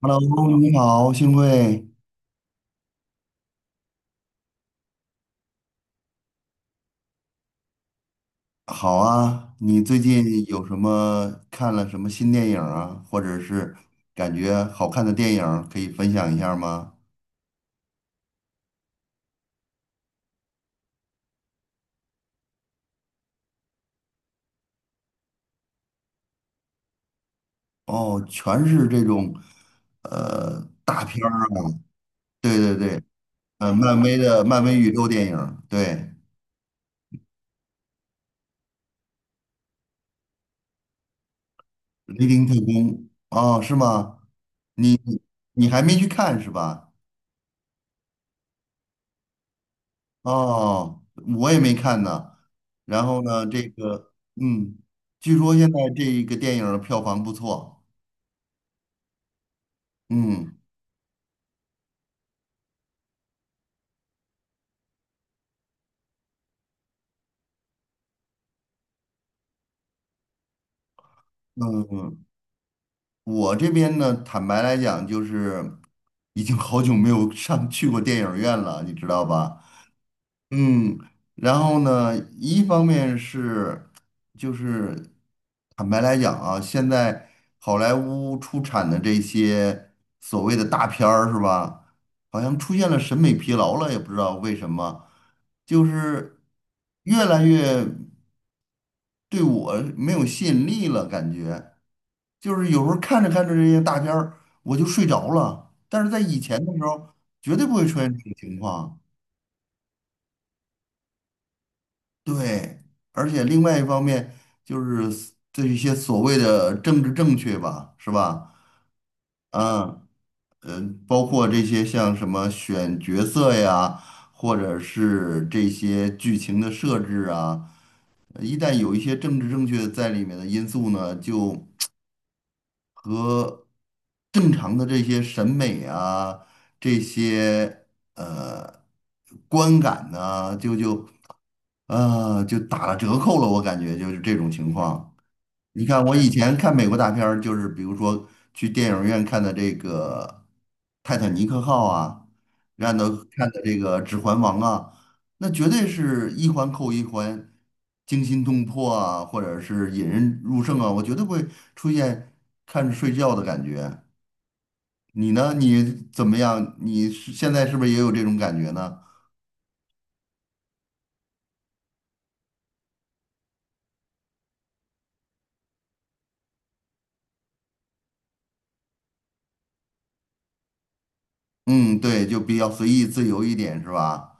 Hello，你好，幸会，好啊。你最近有什么看了什么新电影啊，或者是感觉好看的电影可以分享一下吗？哦，全是这种，大片儿。对对对，漫威宇宙电影，对，《雷霆特工》哦，是吗？你你还没去看是吧？哦，我也没看呢。然后呢，这个，据说现在这一个电影的票房不错。嗯嗯，我这边呢，坦白来讲，就是已经好久没有上去过电影院了，你知道吧？嗯，然后呢，一方面是，就是坦白来讲啊，现在好莱坞出产的这些所谓的大片儿是吧，好像出现了审美疲劳了，也不知道为什么，就是越来越对我没有吸引力了，感觉就是有时候看着看着这些大片儿，我就睡着了，但是在以前的时候绝对不会出现这种情况。对，而且另外一方面就是这一些所谓的政治正确吧，是吧？嗯，呃，包括这些像什么选角色呀，或者是这些剧情的设置啊，一旦有一些政治正确在里面的因素呢，就。正常的这些审美啊，这些呃观感呢、就打了折扣了。我感觉就是这种情况。你看，我以前看美国大片儿，就是比如说去电影院看的这个《泰坦尼克号》啊，让的看的这个《指环王》啊，那绝对是一环扣一环，惊心动魄啊，或者是引人入胜啊，我绝对不会出现看着睡觉的感觉。你呢？你怎么样？你是现在是不是也有这种感觉呢？嗯，对，就比较随意自由一点，是吧？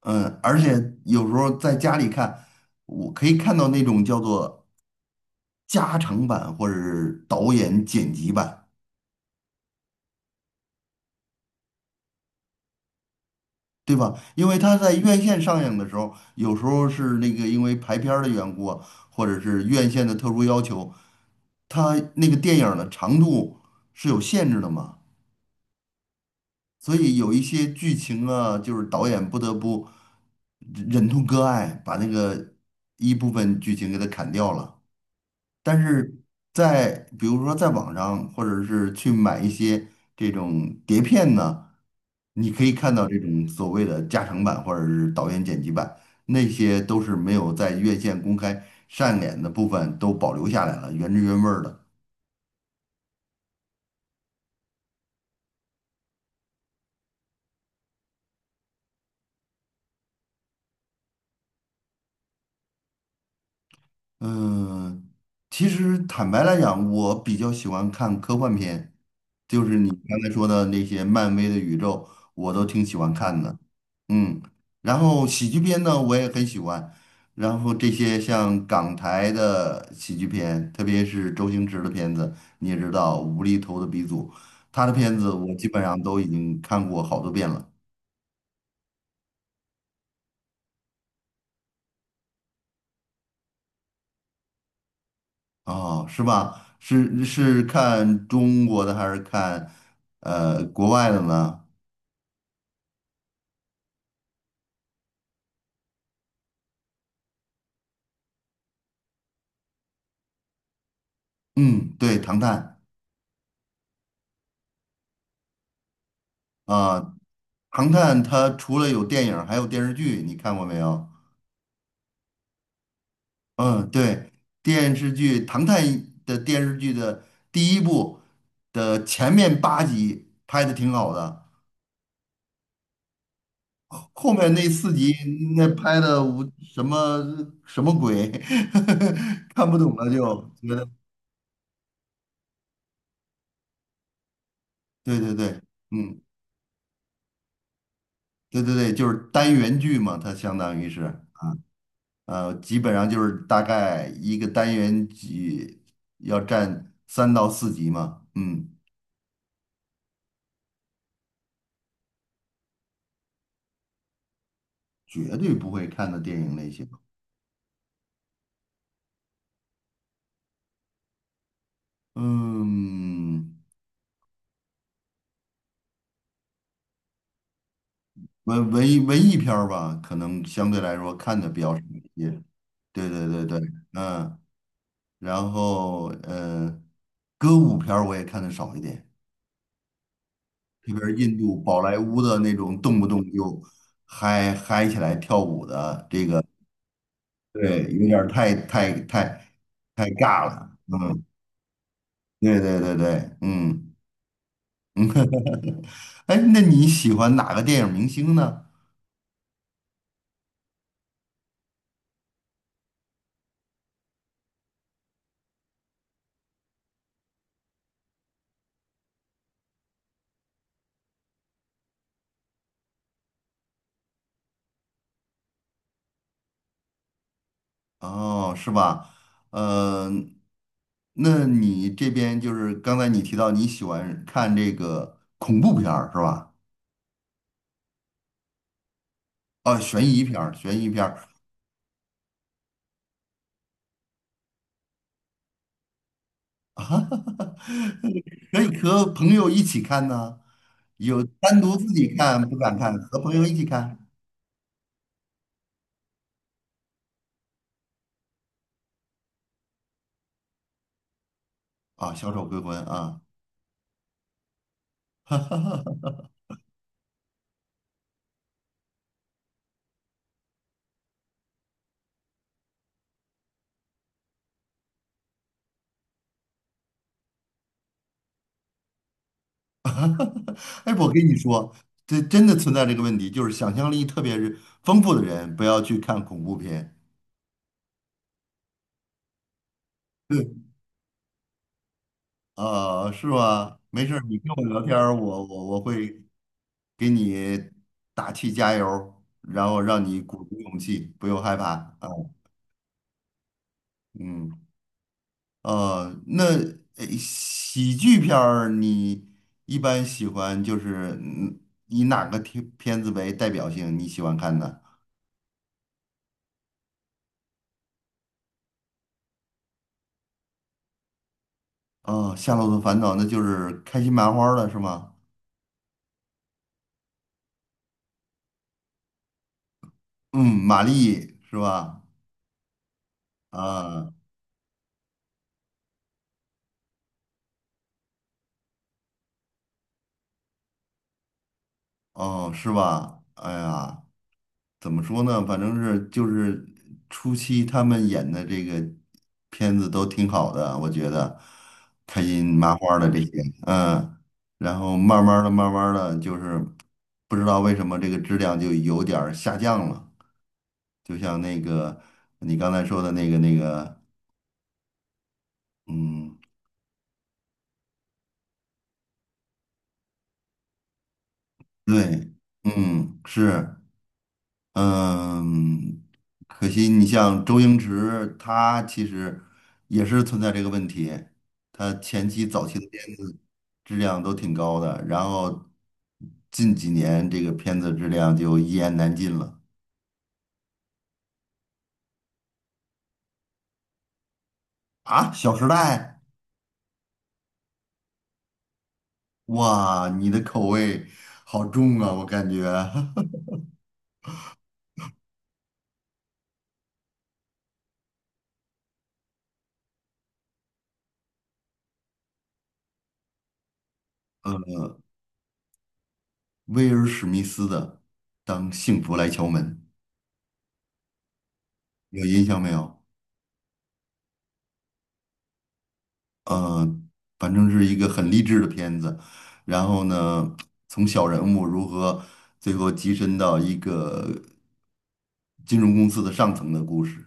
嗯，而且有时候在家里看，我可以看到那种叫做加长版或者是导演剪辑版，对吧？因为他在院线上映的时候，有时候是那个因为排片儿的缘故啊或者是院线的特殊要求，他那个电影儿的长度是有限制的嘛。所以有一些剧情啊，就是导演不得不忍痛割爱，把那个一部分剧情给它砍掉了。但是比如说在网上，或者是去买一些这种碟片呢，你可以看到这种所谓的加长版或者是导演剪辑版，那些都是没有在院线公开上演的部分都保留下来了，原汁原味儿的。嗯，其实坦白来讲，我比较喜欢看科幻片，就是你刚才说的那些漫威的宇宙，我都挺喜欢看的。嗯，然后喜剧片呢，我也很喜欢。然后这些像港台的喜剧片，特别是周星驰的片子，你也知道，无厘头的鼻祖，他的片子我基本上都已经看过好多遍了。哦，是吧？是看中国的还是看国外的呢？嗯，对，《唐探》啊，《唐探》它除了有电影儿还有电视剧，你看过没有？嗯，对，电视剧《唐探》的电视剧的第一部的前面8集拍的挺好的，后面那四集那拍的我什么什么鬼，看不懂了就觉得，对对对，嗯，对对对，就是单元剧嘛，它相当于是。基本上就是大概一个单元要占3到4集嘛，嗯，绝对不会看的电影类型。嗯，文艺片儿吧，可能相对来说看的比较少一些。对对对对，嗯，然后歌舞片儿我也看的少一点，特别是印度宝莱坞的那种动不动就嗨嗨起来跳舞的这个。对，有点儿太太太太尬了。嗯，对对对对，嗯，哎，那你喜欢哪个电影明星呢？哦，是吧？嗯、那你这边就是刚才你提到你喜欢看这个恐怖片儿是吧？哦，悬疑片儿，悬疑片儿 啊可以和朋友一起看呢，有单独自己看不敢看，和朋友一起看啊，小丑回魂》啊。哎，我跟你说，这真的存在这个问题，就是想象力特别是丰富的人，不要去看恐怖片。对，啊、是吧？没事儿你跟我聊天儿我会给你打气加油儿然后让你鼓足勇气，不用害怕啊。嗯，那喜剧片儿你一般喜欢就是以哪个片子为代表性？你喜欢看的？哦，《夏洛特烦恼》那就是开心麻花儿了，是吗？嗯，玛丽是吧？啊，哦，是吧？哎呀，怎么说呢？反正是就是初期他们演的这个片子都挺好的，我觉得开心麻花的这些，然后慢慢的、慢慢的，就是不知道为什么这个质量就有点儿下降了，就像那个你刚才说的那个，嗯，对，嗯，是。嗯，可惜你像周星驰，他其实也是存在这个问题。他早期的片子质量都挺高的，然后近几年这个片子质量就一言难尽了啊，《小时代》哇，你的口味好重啊，我感觉 威尔史密斯的《当幸福来敲门》有印象没有？呃，反正是一个很励志的片子。然后呢，从小人物如何最后跻身到一个金融公司的上层的故事。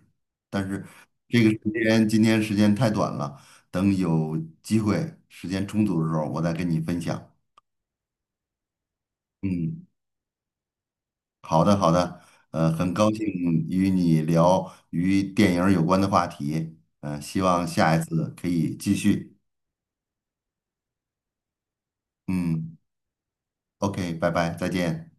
但是这个时间今天时间太短了，等有机会时间充足的时候，我再跟你分享。嗯，好的好的，很高兴与你聊与电影儿有关的话题，希望下一次可以继续。嗯，OK，拜拜，再见。